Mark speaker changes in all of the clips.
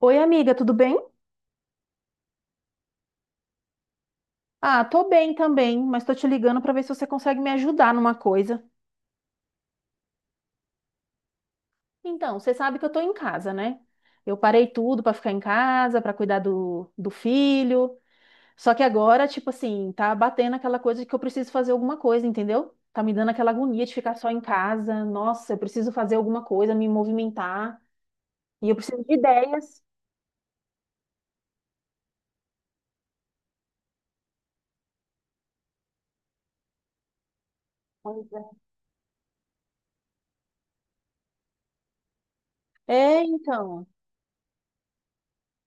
Speaker 1: Oi, amiga, tudo bem? Ah, tô bem também, mas tô te ligando pra ver se você consegue me ajudar numa coisa. Então, você sabe que eu tô em casa, né? Eu parei tudo pra ficar em casa, pra cuidar do filho. Só que agora, tipo assim, tá batendo aquela coisa de que eu preciso fazer alguma coisa, entendeu? Tá me dando aquela agonia de ficar só em casa. Nossa, eu preciso fazer alguma coisa, me movimentar. E eu preciso de ideias. Pois é, é, então.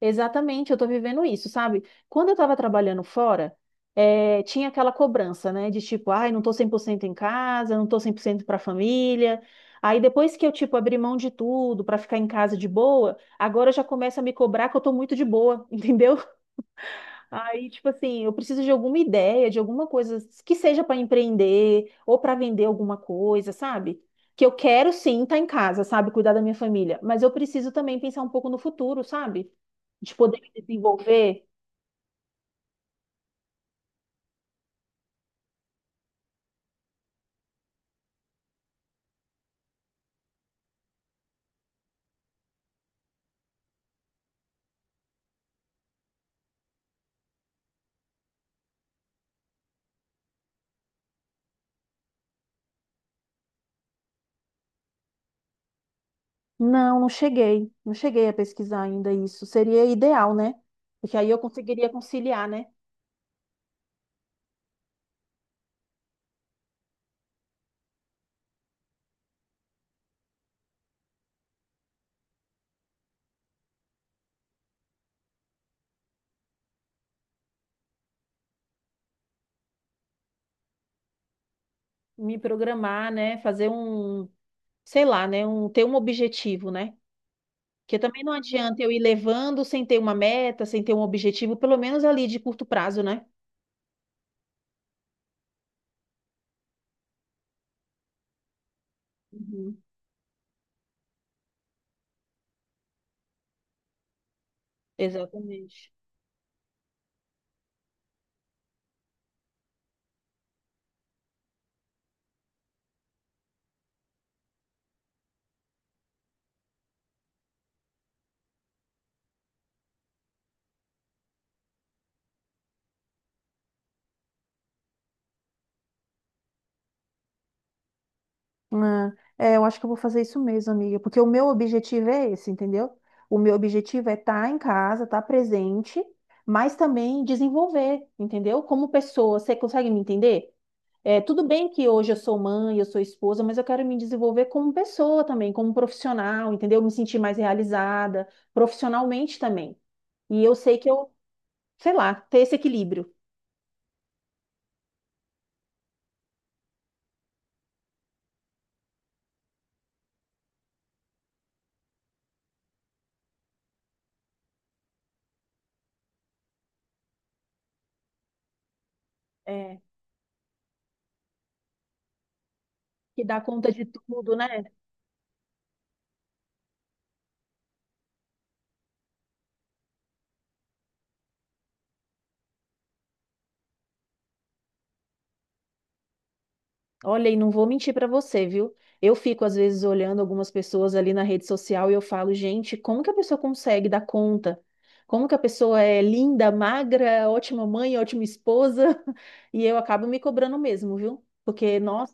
Speaker 1: Exatamente, eu tô vivendo isso, sabe? Quando eu tava trabalhando fora, tinha aquela cobrança, né? De tipo, ai, não tô 100% em casa, não tô 100% pra família. Aí depois que eu, tipo, abri mão de tudo pra ficar em casa de boa, agora já começa a me cobrar que eu tô muito de boa, entendeu? Aí, tipo assim, eu preciso de alguma ideia, de alguma coisa que seja pra empreender ou pra vender alguma coisa, sabe? Que eu quero sim estar em casa, sabe? Cuidar da minha família, mas eu preciso também pensar um pouco no futuro, sabe? De poder me desenvolver? Não, não cheguei. Não cheguei a pesquisar ainda isso. Seria ideal, né? Porque aí eu conseguiria conciliar, né? Me programar, né? Fazer um, sei lá, né? Ter um objetivo, né? Porque também não adianta eu ir levando sem ter uma meta, sem ter um objetivo, pelo menos ali de curto prazo, né? Uhum. Exatamente. Ah, é, eu acho que eu vou fazer isso mesmo, amiga, porque o meu objetivo é esse, entendeu? O meu objetivo é estar em casa, estar presente, mas também desenvolver, entendeu? Como pessoa, você consegue me entender? É, tudo bem que hoje eu sou mãe, eu sou esposa, mas eu quero me desenvolver como pessoa também, como profissional, entendeu? Me sentir mais realizada, profissionalmente também. E eu sei que eu, sei lá, ter esse equilíbrio, é, que dá conta de tudo, né? Olha, e não vou mentir para você, viu? Eu fico às vezes olhando algumas pessoas ali na rede social e eu falo, gente, como que a pessoa consegue dar conta? Como que a pessoa é linda, magra, ótima mãe, ótima esposa? E eu acabo me cobrando mesmo, viu? Porque, nossa,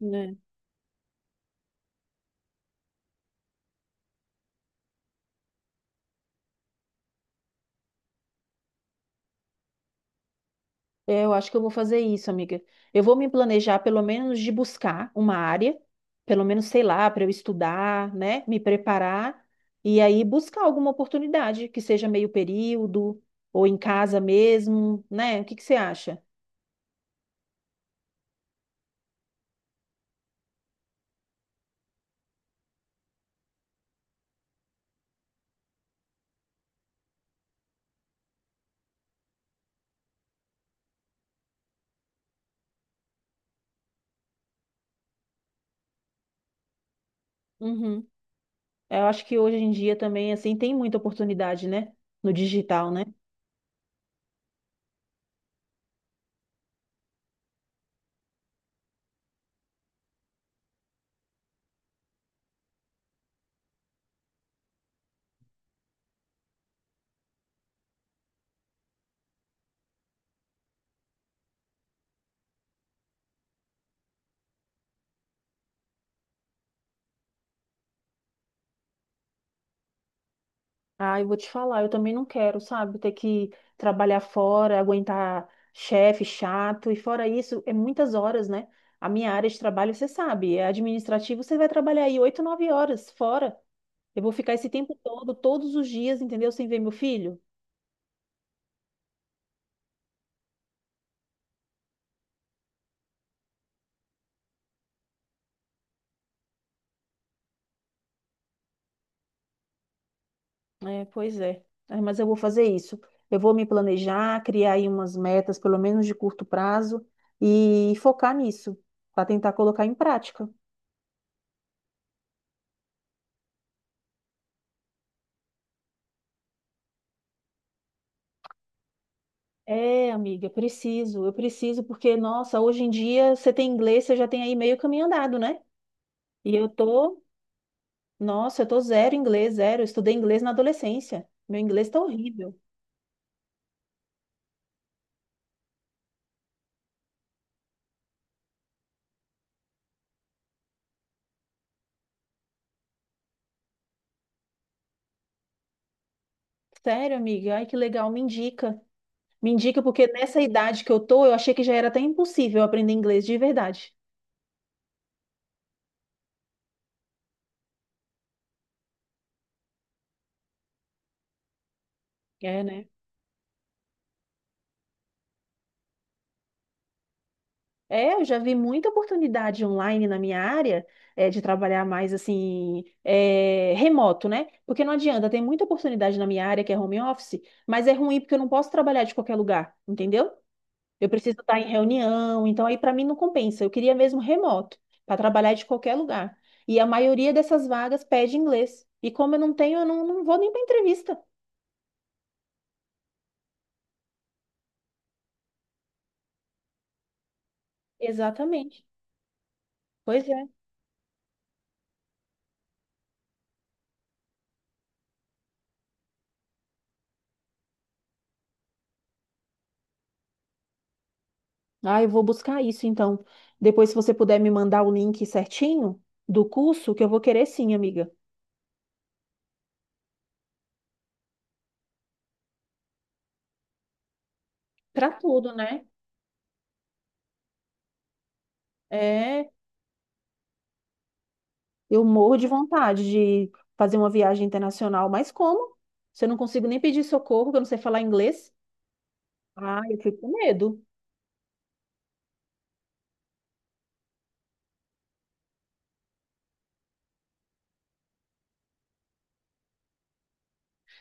Speaker 1: né? É, eu acho que eu vou fazer isso, amiga. Eu vou me planejar, pelo menos, de buscar uma área, pelo menos, sei lá, para eu estudar, né? Me preparar e aí buscar alguma oportunidade que seja meio período ou em casa mesmo, né? O que que você acha? Uhum. Eu acho que hoje em dia também, assim, tem muita oportunidade, né? No digital, né? Ah, eu vou te falar, eu também não quero, sabe? Ter que trabalhar fora, aguentar chefe chato, e fora isso, é muitas horas, né? A minha área de trabalho, você sabe, é administrativo, você vai trabalhar aí oito, nove horas fora. Eu vou ficar esse tempo todo, todos os dias, entendeu? Sem ver meu filho? É, pois é. É, mas eu vou fazer isso. Eu vou me planejar, criar aí umas metas, pelo menos de curto prazo, e focar nisso, para tentar colocar em prática. É, amiga, preciso, eu preciso, porque, nossa, hoje em dia você tem inglês, você já tem aí meio caminho andado, né? E eu tô, nossa, eu tô zero inglês, zero. Eu estudei inglês na adolescência. Meu inglês tá horrível. Sério, amiga, ai que legal, me indica. Me indica, porque nessa idade que eu tô, eu achei que já era até impossível aprender inglês de verdade. É, né? É, eu já vi muita oportunidade online na minha área, é, de trabalhar mais assim, é, remoto, né? Porque não adianta, tem muita oportunidade na minha área que é home office, mas é ruim porque eu não posso trabalhar de qualquer lugar, entendeu? Eu preciso estar em reunião, então aí para mim não compensa. Eu queria mesmo remoto, para trabalhar de qualquer lugar. E a maioria dessas vagas pede inglês. E como eu não tenho, eu não, não vou nem para entrevista. Exatamente. Pois é. Ah, eu vou buscar isso então. Depois, se você puder me mandar o link certinho do curso, que eu vou querer sim, amiga. Para tudo, né? É, eu morro de vontade de fazer uma viagem internacional, mas como? Se eu não consigo nem pedir socorro, que eu não sei falar inglês. Ah, eu fico com medo.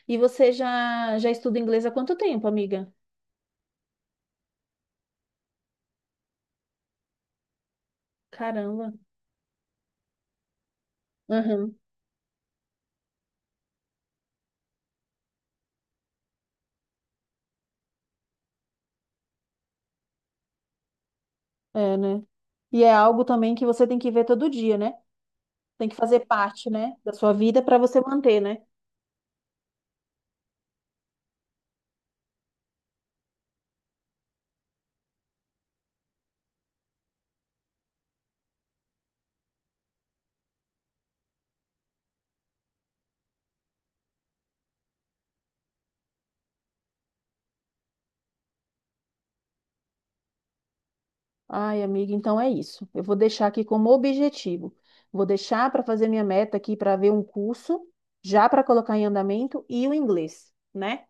Speaker 1: E você já já estuda inglês há quanto tempo, amiga? Caramba. Aham. É, né? E é algo também que você tem que ver todo dia, né? Tem que fazer parte, né, da sua vida para você manter, né? Ai, amiga, então é isso. Eu vou deixar aqui como objetivo. Vou deixar para fazer minha meta aqui para ver um curso, já para colocar em andamento, e o inglês, né?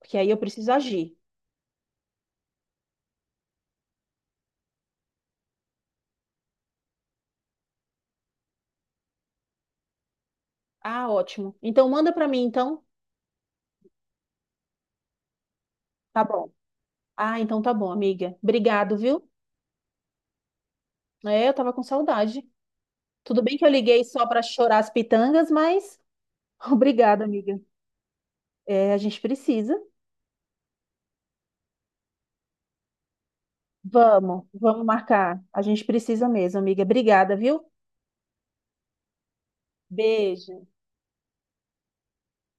Speaker 1: Porque aí eu preciso agir. Ah, ótimo. Então manda para mim, então. Tá bom. Ah, então tá bom, amiga. Obrigado, viu? É, eu tava com saudade. Tudo bem que eu liguei só para chorar as pitangas, mas obrigada, amiga. É, a gente precisa. Vamos, vamos marcar. A gente precisa mesmo, amiga. Obrigada, viu? Beijo.